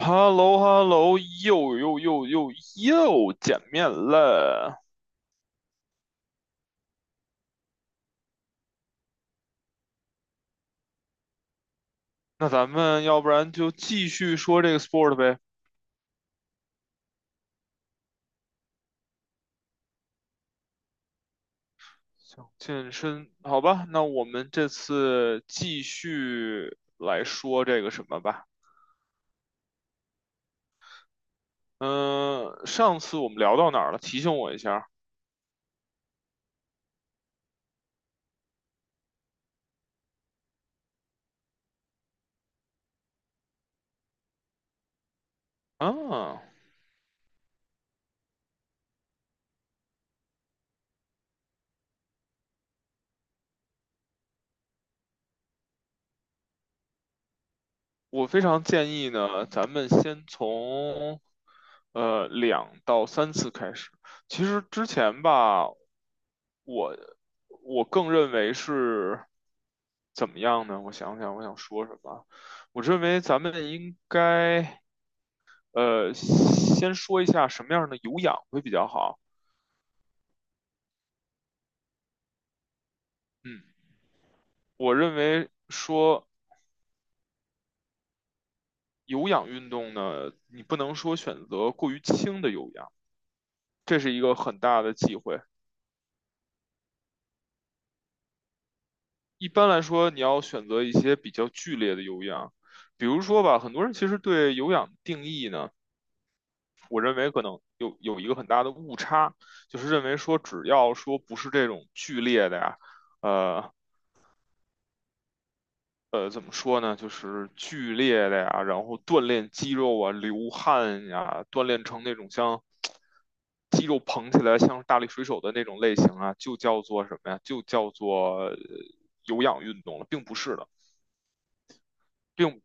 h e l l o h e l l o 又又又又又见面了。那咱们要不然就继续说这个 sport 呗。想健身，好吧？那我们这次继续来说这个什么吧。嗯，上次我们聊到哪儿了？提醒我一下。啊，我非常建议呢，咱们先从2到3次开始。其实之前吧，我我更认为是怎么样呢？我想想，我想说什么？我认为咱们应该先说一下什么样的有氧会比较好。嗯，我认为说有氧运动呢，你不能说选择过于轻的有氧，这是一个很大的忌讳。一般来说，你要选择一些比较剧烈的有氧，比如说吧，很多人其实对有氧定义呢。我认为可能有一个很大的误差，就是认为说只要说不是这种剧烈的呀，呃怎么说呢，就是剧烈的呀，然后锻炼肌肉啊、流汗呀，锻炼成那种像肌肉膨起来像大力水手的那种类型啊，就叫做什么呀？就叫做有氧运动了，并不是的，并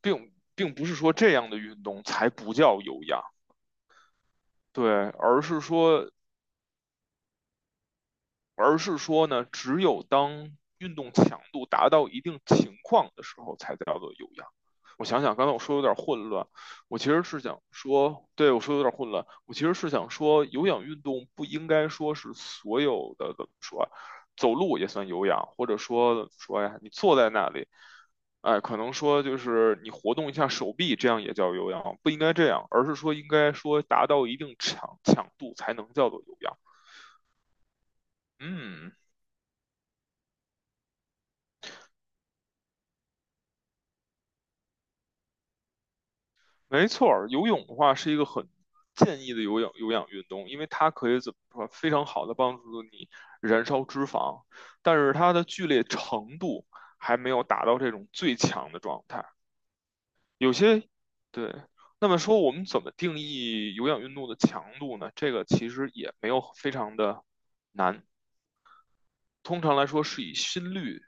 并不是说这样的运动才不叫有氧。对，而是说而是说呢，只有当运动强度达到一定情况的时候，才叫做有氧。我想想，刚才我说有点混乱，我其实是想说，对我说有点混乱，我其实是想说，有氧运动不应该说是所有的怎么说啊走路也算有氧，或者说说呀，你坐在那里，哎，可能说就是你活动一下手臂，这样也叫有氧，不应该这样，而是说应该说达到一定强度才能叫做有氧。嗯，没错儿，游泳的话是一个很建议的有氧运动，因为它可以怎么说，非常好的帮助你燃烧脂肪，但是它的剧烈程度还没有达到这种最强的状态。有些，对，那么说我们怎么定义有氧运动的强度呢？这个其实也没有非常的难，通常来说是以心率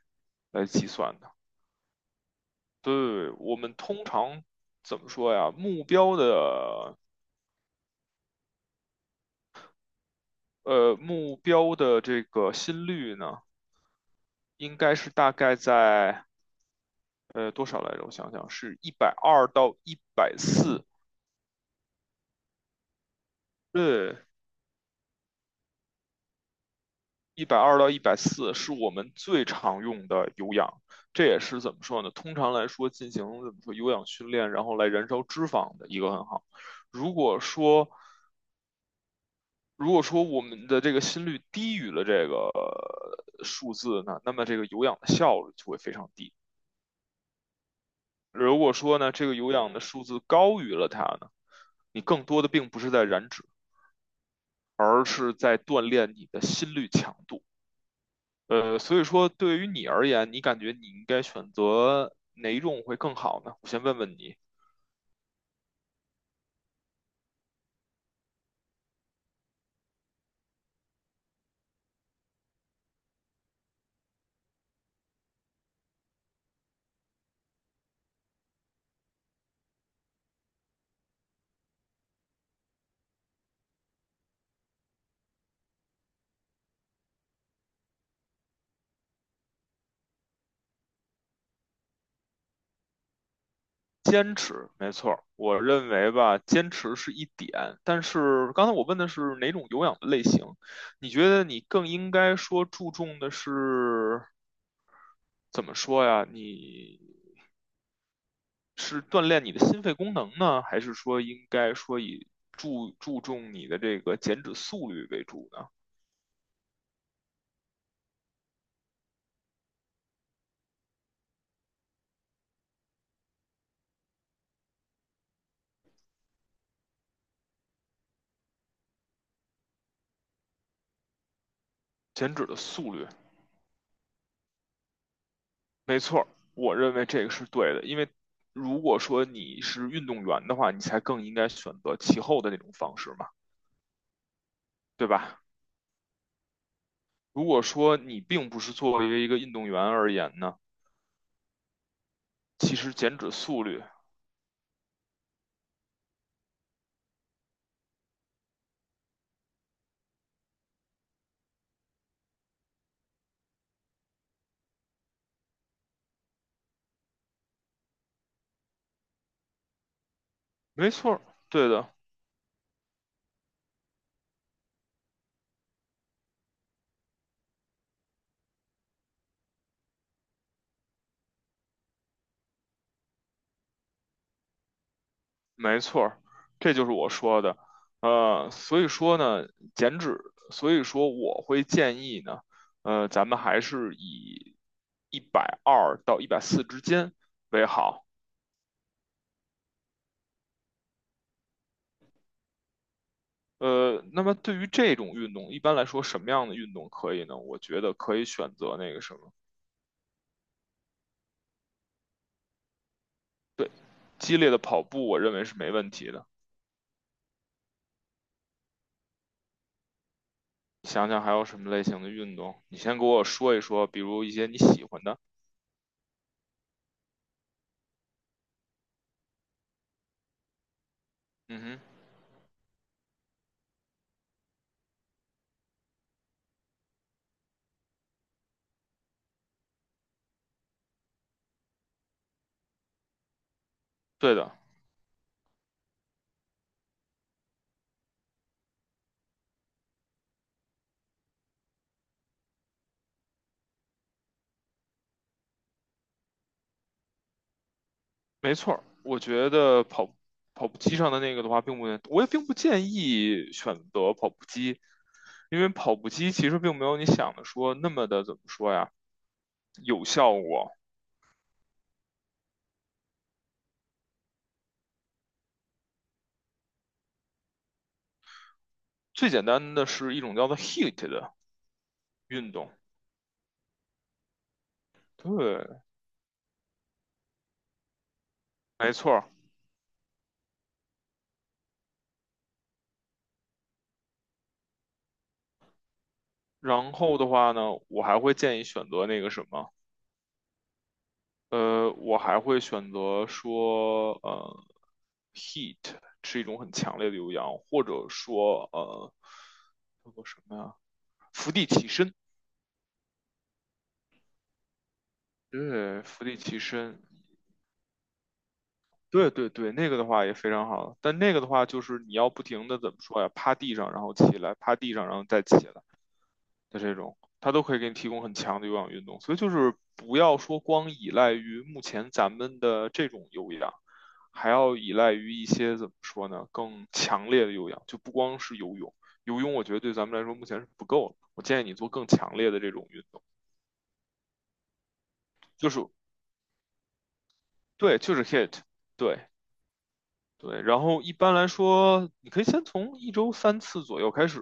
来计算的。对，我们通常怎么说呀？目标的这个心率呢，应该是大概在多少来着？我想想，是一百二到一百四，对，一百二到一百四是我们最常用的有氧。这也是怎么说呢？通常来说，进行怎么说有氧训练，然后来燃烧脂肪的一个很好。如果说如果说我们的这个心率低于了这个数字呢，那么这个有氧的效率就会非常低。如果说呢，这个有氧的数字高于了它呢，你更多的并不是在燃脂，而是在锻炼你的心率强度。所以说对于你而言，你感觉你应该选择哪一种会更好呢？我先问问你，坚持，没错儿，我认为吧，坚持是一点，但是刚才我问的是哪种有氧的类型，你觉得你更应该说注重的是怎么说呀？你是锻炼你的心肺功能呢，还是说应该说以注重你的这个减脂速率为主呢？减脂的速率，没错。我认为这个是对的，因为如果说你是运动员的话，你才更应该选择其后的那种方式嘛，对吧？如果说你并不是作为一个运动员而言呢，其实减脂速率，没错，对的，没错儿，这就是我说的。所以说呢，减脂，所以说我会建议呢，咱们还是以一百二到一百四之间为好。那么对于这种运动，一般来说什么样的运动可以呢？我觉得可以选择那个什么，对，激烈的跑步，我认为是没问题的。想想还有什么类型的运动，你先给我说一说，比如一些你喜欢的。嗯哼，对的。没错儿，我觉得跑步机上的那个的话，并不，我也并不建议选择跑步机，因为跑步机其实并没有你想的说那么的怎么说呀，有效果。最简单的是一种叫做 h e a t 的运动，对，没错儿。然后的话呢，我还会建议选择那个什么，我还会选择说，h e a t 是一种很强烈的有氧，或者说，叫做什么呀？伏地起身。对，伏地起身，对对对，那个的话也非常好，但那个的话就是你要不停的怎么说呀，趴地上然后起来，趴地上然后再起来的这种，它都可以给你提供很强的有氧运动，所以就是不要说光依赖于目前咱们的这种有氧，还要依赖于一些怎么说呢，更强烈的有氧，就不光是游泳，游泳我觉得对咱们来说目前是不够的，我建议你做更强烈的这种运动，就是对，就是 h i I t 对。对，然后一般来说，你可以先从一周三次左右开始，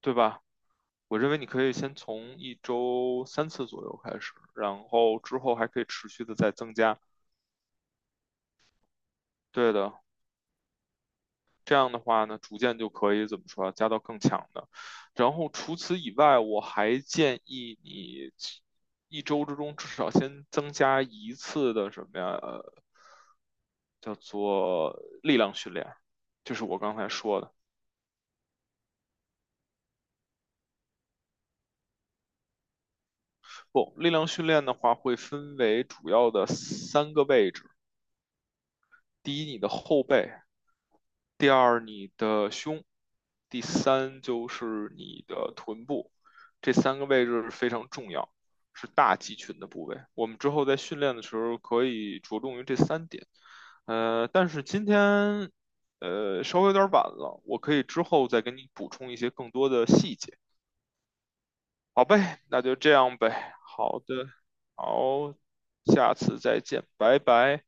对吧？我认为你可以先从一周三次左右开始，然后之后还可以持续的再增加。对的，这样的话呢，逐渐就可以怎么说啊，加到更强的。然后除此以外，我还建议你一周之中至少先增加一次的什么呀，叫做力量训练，就是我刚才说的。不，力量训练的话会分为主要的三个位置：第一，你的后背；第二，你的胸；第三，就是你的臀部。这三个位置是非常重要，是大肌群的部位。我们之后在训练的时候可以着重于这三点。但是今天稍微有点晚了，我可以之后再给你补充一些更多的细节。好呗，那就这样呗。好的，好，下次再见，拜拜。